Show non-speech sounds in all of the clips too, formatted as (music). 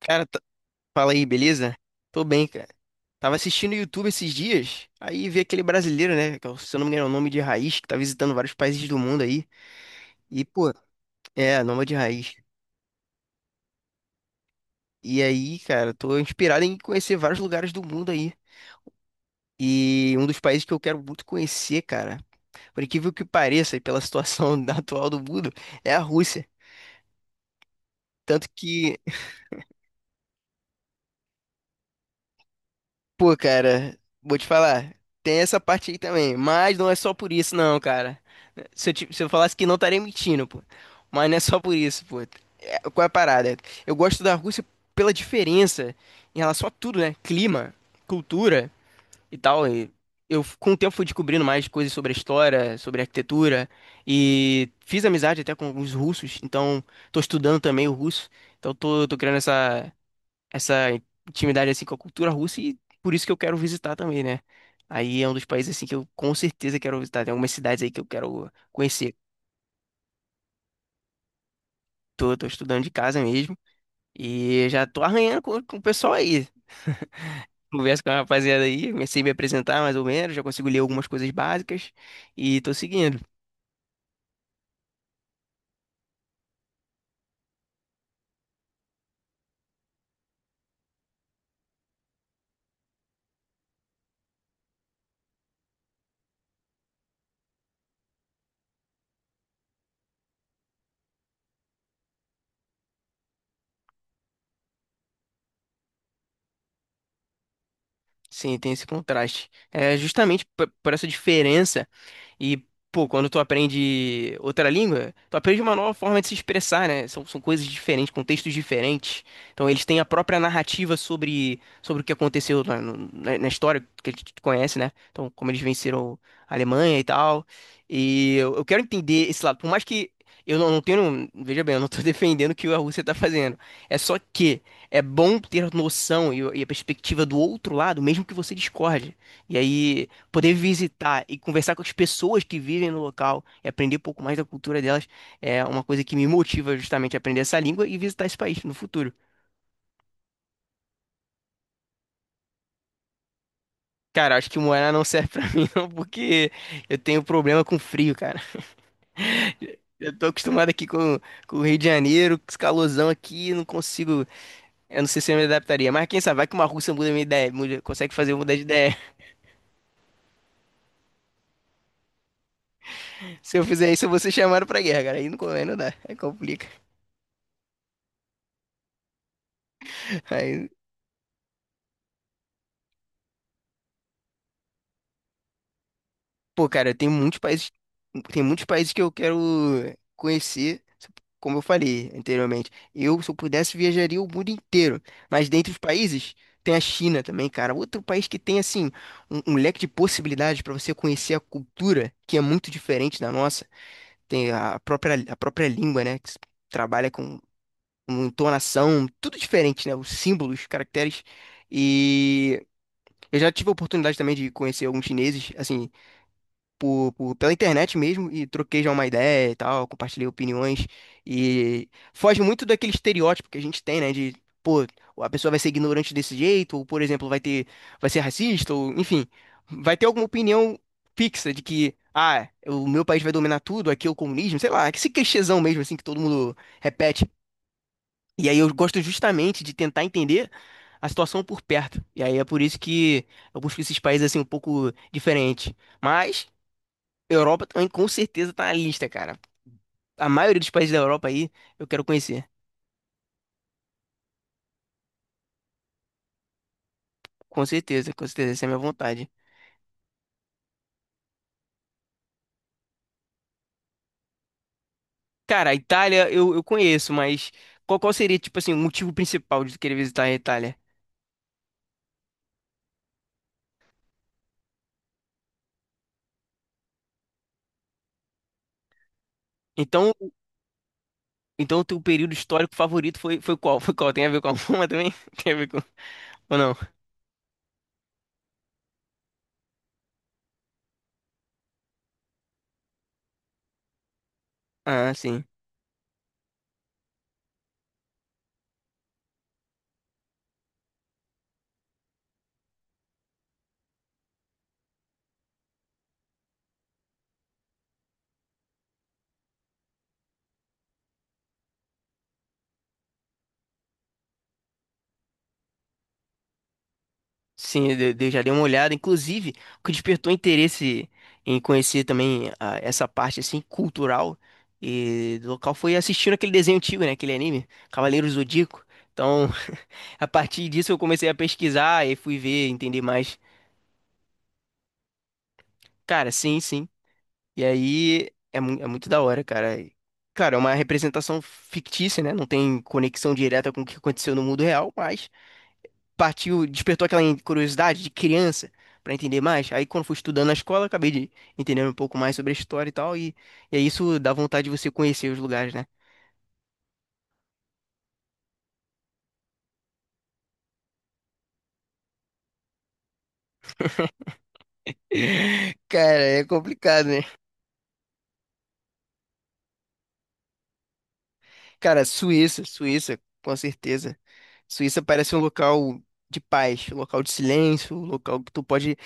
Cara, fala aí, beleza? Tô bem, cara. Tava assistindo o YouTube esses dias, aí vi aquele brasileiro, né? Se eu não me engano, é o nome de Raiz, que tá visitando vários países do mundo aí. E, pô, nome de Raiz. E aí, cara, tô inspirado em conhecer vários lugares do mundo aí. E um dos países que eu quero muito conhecer, cara, por incrível que pareça, e pela situação (laughs) da atual do mundo, é a Rússia. Tanto que Pô, cara, vou te falar. Tem essa parte aí também. Mas não é só por isso, não, cara. Se eu falasse que não, eu estaria mentindo, pô. Mas não é só por isso, pô. É, qual é a parada? Eu gosto da Rússia pela diferença em relação a tudo, né? Clima, cultura e tal. E eu, com o tempo, fui descobrindo mais coisas sobre a história, sobre a arquitetura. E fiz amizade até com alguns russos. Então, tô estudando também o russo. Então, tô criando essa intimidade assim com a cultura russa e por isso que eu quero visitar também, né? Aí é um dos países assim que eu com certeza quero visitar. Tem algumas cidades aí que eu quero conhecer. Tô estudando de casa mesmo e já tô arranhando com o pessoal aí. Converso com a rapaziada aí, comecei a me apresentar mais ou menos, já consigo ler algumas coisas básicas e tô seguindo. Sim, tem esse contraste. É justamente por essa diferença. E, pô, quando tu aprende outra língua, tu aprende uma nova forma de se expressar, né? São coisas diferentes, contextos diferentes. Então, eles têm a própria narrativa sobre o que aconteceu na, no- na- na história que a gente conhece, né? Então, como eles venceram a Alemanha e tal. E eu quero entender esse lado. Por mais que eu não tenho. Veja bem, eu não tô (laughs) defendendo o que a Rússia tá fazendo. É só que é bom ter a noção e a perspectiva do outro lado, mesmo que você discorde. E aí poder visitar e conversar com as pessoas que vivem no local e aprender um pouco mais da cultura delas é uma coisa que me motiva justamente a aprender essa língua e visitar esse país no futuro. Cara, acho que morar não serve pra (laughs) mim não, porque eu tenho problema com frio, cara. Eu tô acostumado aqui com o Rio de Janeiro, com esse calorzão aqui, não consigo. Eu não sei se eu me adaptaria, mas quem sabe, vai que uma russa muda minha ideia, consegue fazer eu mudar de ideia. (laughs) Se eu fizer isso, eu vou ser chamado pra guerra, cara. Aí não, aí não dá, aí complica. Aí Pô, cara, tem muitos países que eu quero conhecer, como eu falei anteriormente. Eu, se eu pudesse, viajaria o mundo inteiro. Mas dentre os países, tem a China também, cara. Outro país que tem, assim, um leque de possibilidades para você conhecer a cultura, que é muito diferente da nossa. Tem a própria língua, né? Que se trabalha com entonação, tudo diferente, né? Os símbolos, os caracteres. E eu já tive a oportunidade também de conhecer alguns chineses, assim pela internet mesmo e troquei já uma ideia e tal, compartilhei opiniões e foge muito daquele estereótipo que a gente tem, né, de, pô, a pessoa vai ser ignorante desse jeito, ou, por exemplo, vai ser racista, ou, enfim, vai ter alguma opinião fixa de que, ah, o meu país vai dominar tudo, aqui é o comunismo, sei lá, esse clichêzão mesmo, assim, que todo mundo repete. E aí eu gosto justamente de tentar entender a situação por perto. E aí é por isso que eu busco esses países, assim, um pouco diferentes. Mas... Europa também com certeza tá na lista, cara. A maioria dos países da Europa aí eu quero conhecer. Com certeza, essa é a minha vontade. Cara, a Itália eu conheço, mas qual seria, tipo assim, o motivo principal de tu querer visitar a Itália? Então, então o teu período histórico favorito foi qual? (laughs) Foi qual? Tem a ver com a Roma também? (laughs) Tem a ver com... Ou não? Ah, sim. Sim, eu já dei uma olhada. Inclusive, o que despertou interesse em conhecer também essa parte assim cultural e do local foi assistindo aquele desenho antigo, né? Aquele anime, Cavaleiros Zodíaco. Então, (laughs) a partir disso eu comecei a pesquisar e fui ver, entender mais. Cara, sim, sim. E aí é, é muito da hora, cara. E, Cara, é uma representação fictícia, né? Não tem conexão direta com o que aconteceu no mundo real, mas partiu, despertou aquela curiosidade de criança para entender mais. Aí quando fui estudando na escola, acabei de entender um pouco mais sobre a história e tal, e aí isso dá vontade de você conhecer os lugares, né? (laughs) Cara, é complicado, né? Cara, Suíça, Suíça, com certeza. Suíça parece um local de paz, um local de silêncio, um local que tu pode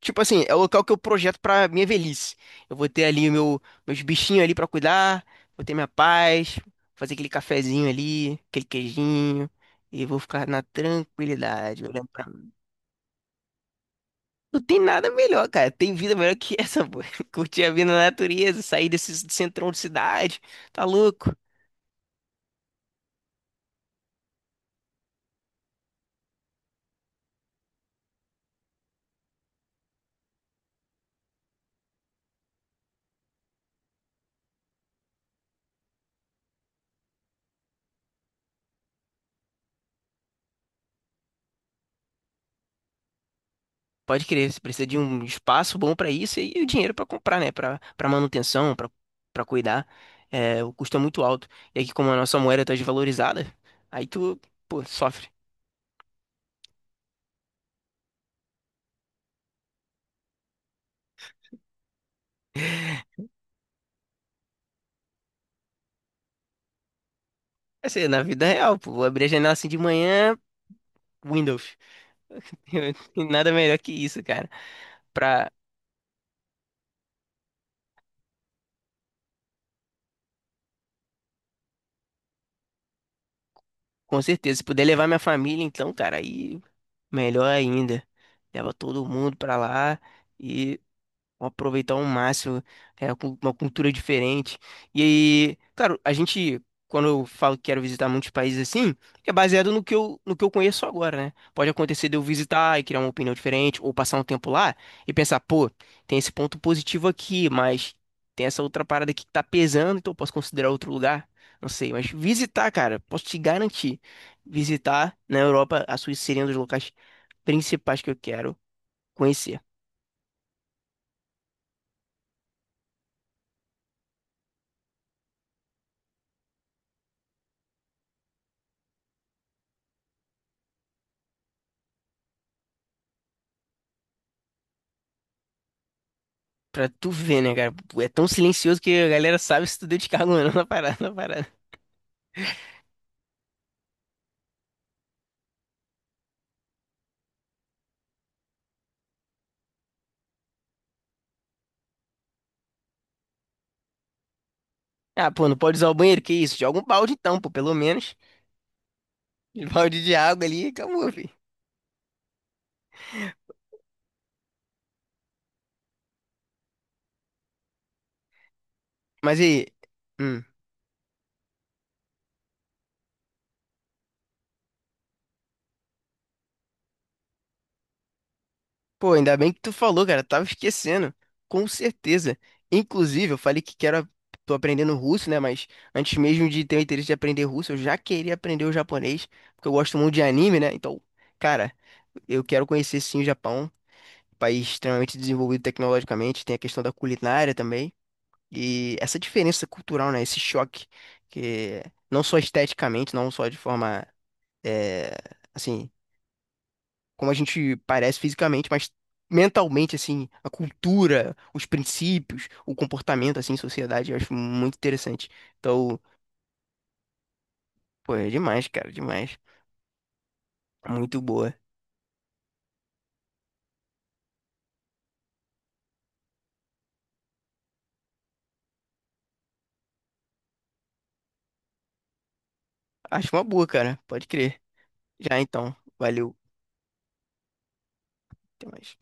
Tipo assim, é o local que eu projeto pra minha velhice. Eu vou ter ali o meu, meus bichinhos ali pra cuidar, vou ter minha paz, fazer aquele cafezinho ali, aquele queijinho, e vou ficar na tranquilidade, olhando pra... mim. Não tem nada melhor, cara. Tem vida melhor que essa, pô. (laughs) Curtir a vida na natureza, sair desse centrão de cidade, tá louco? Pode crer, você precisa de um espaço bom pra isso e o dinheiro pra comprar, né? Pra para manutenção, pra para cuidar. É, o custo é muito alto. E aqui, como a nossa moeda tá desvalorizada, aí tu, pô, sofre. Assim, na vida real, pô, vou abrir a janela assim de manhã, Windows. (laughs) Tem Nada melhor que isso, cara. Pra, com certeza, se puder levar minha família, então, cara, aí melhor ainda. Leva todo mundo pra lá aproveitar ao máximo, é, uma cultura diferente. E aí, claro, a gente, quando eu falo que quero visitar muitos países assim, é baseado no que eu, no que eu conheço agora, né? Pode acontecer de eu visitar e criar uma opinião diferente, ou passar um tempo lá e pensar, pô, tem esse ponto positivo aqui, mas tem essa outra parada aqui que tá pesando, então eu posso considerar outro lugar. Não sei, mas visitar, cara, posso te garantir. Visitar na Europa, a Suíça seria um dos locais principais que eu quero conhecer. Pra tu ver, né, cara? É tão silencioso que a galera sabe se tu deu descarga ou não (laughs) na parada, na parada. Ah, pô, não pode usar o banheiro, que isso? Joga um balde então, pô, pelo menos. (laughs) Um balde de água ali e acabou, filho. Mas e aí? Hum. Pô, ainda bem que tu falou, cara. Tava esquecendo. Com certeza. Inclusive, eu falei que quero. Tô aprendendo russo, né? Mas antes mesmo de ter o interesse de aprender russo, eu já queria aprender o japonês. Porque eu gosto muito de anime, né? Então, cara, eu quero conhecer sim o Japão. País extremamente desenvolvido tecnologicamente, tem a questão da culinária também, e essa diferença cultural, né, esse choque, que não só esteticamente, não só de forma, é, assim, como a gente parece fisicamente, mas mentalmente, assim, a cultura, os princípios, o comportamento, assim, em sociedade, eu acho muito interessante. Então, pô, é demais, cara, demais. Muito boa. Acho uma boa, cara, pode crer. Já então, valeu, até mais.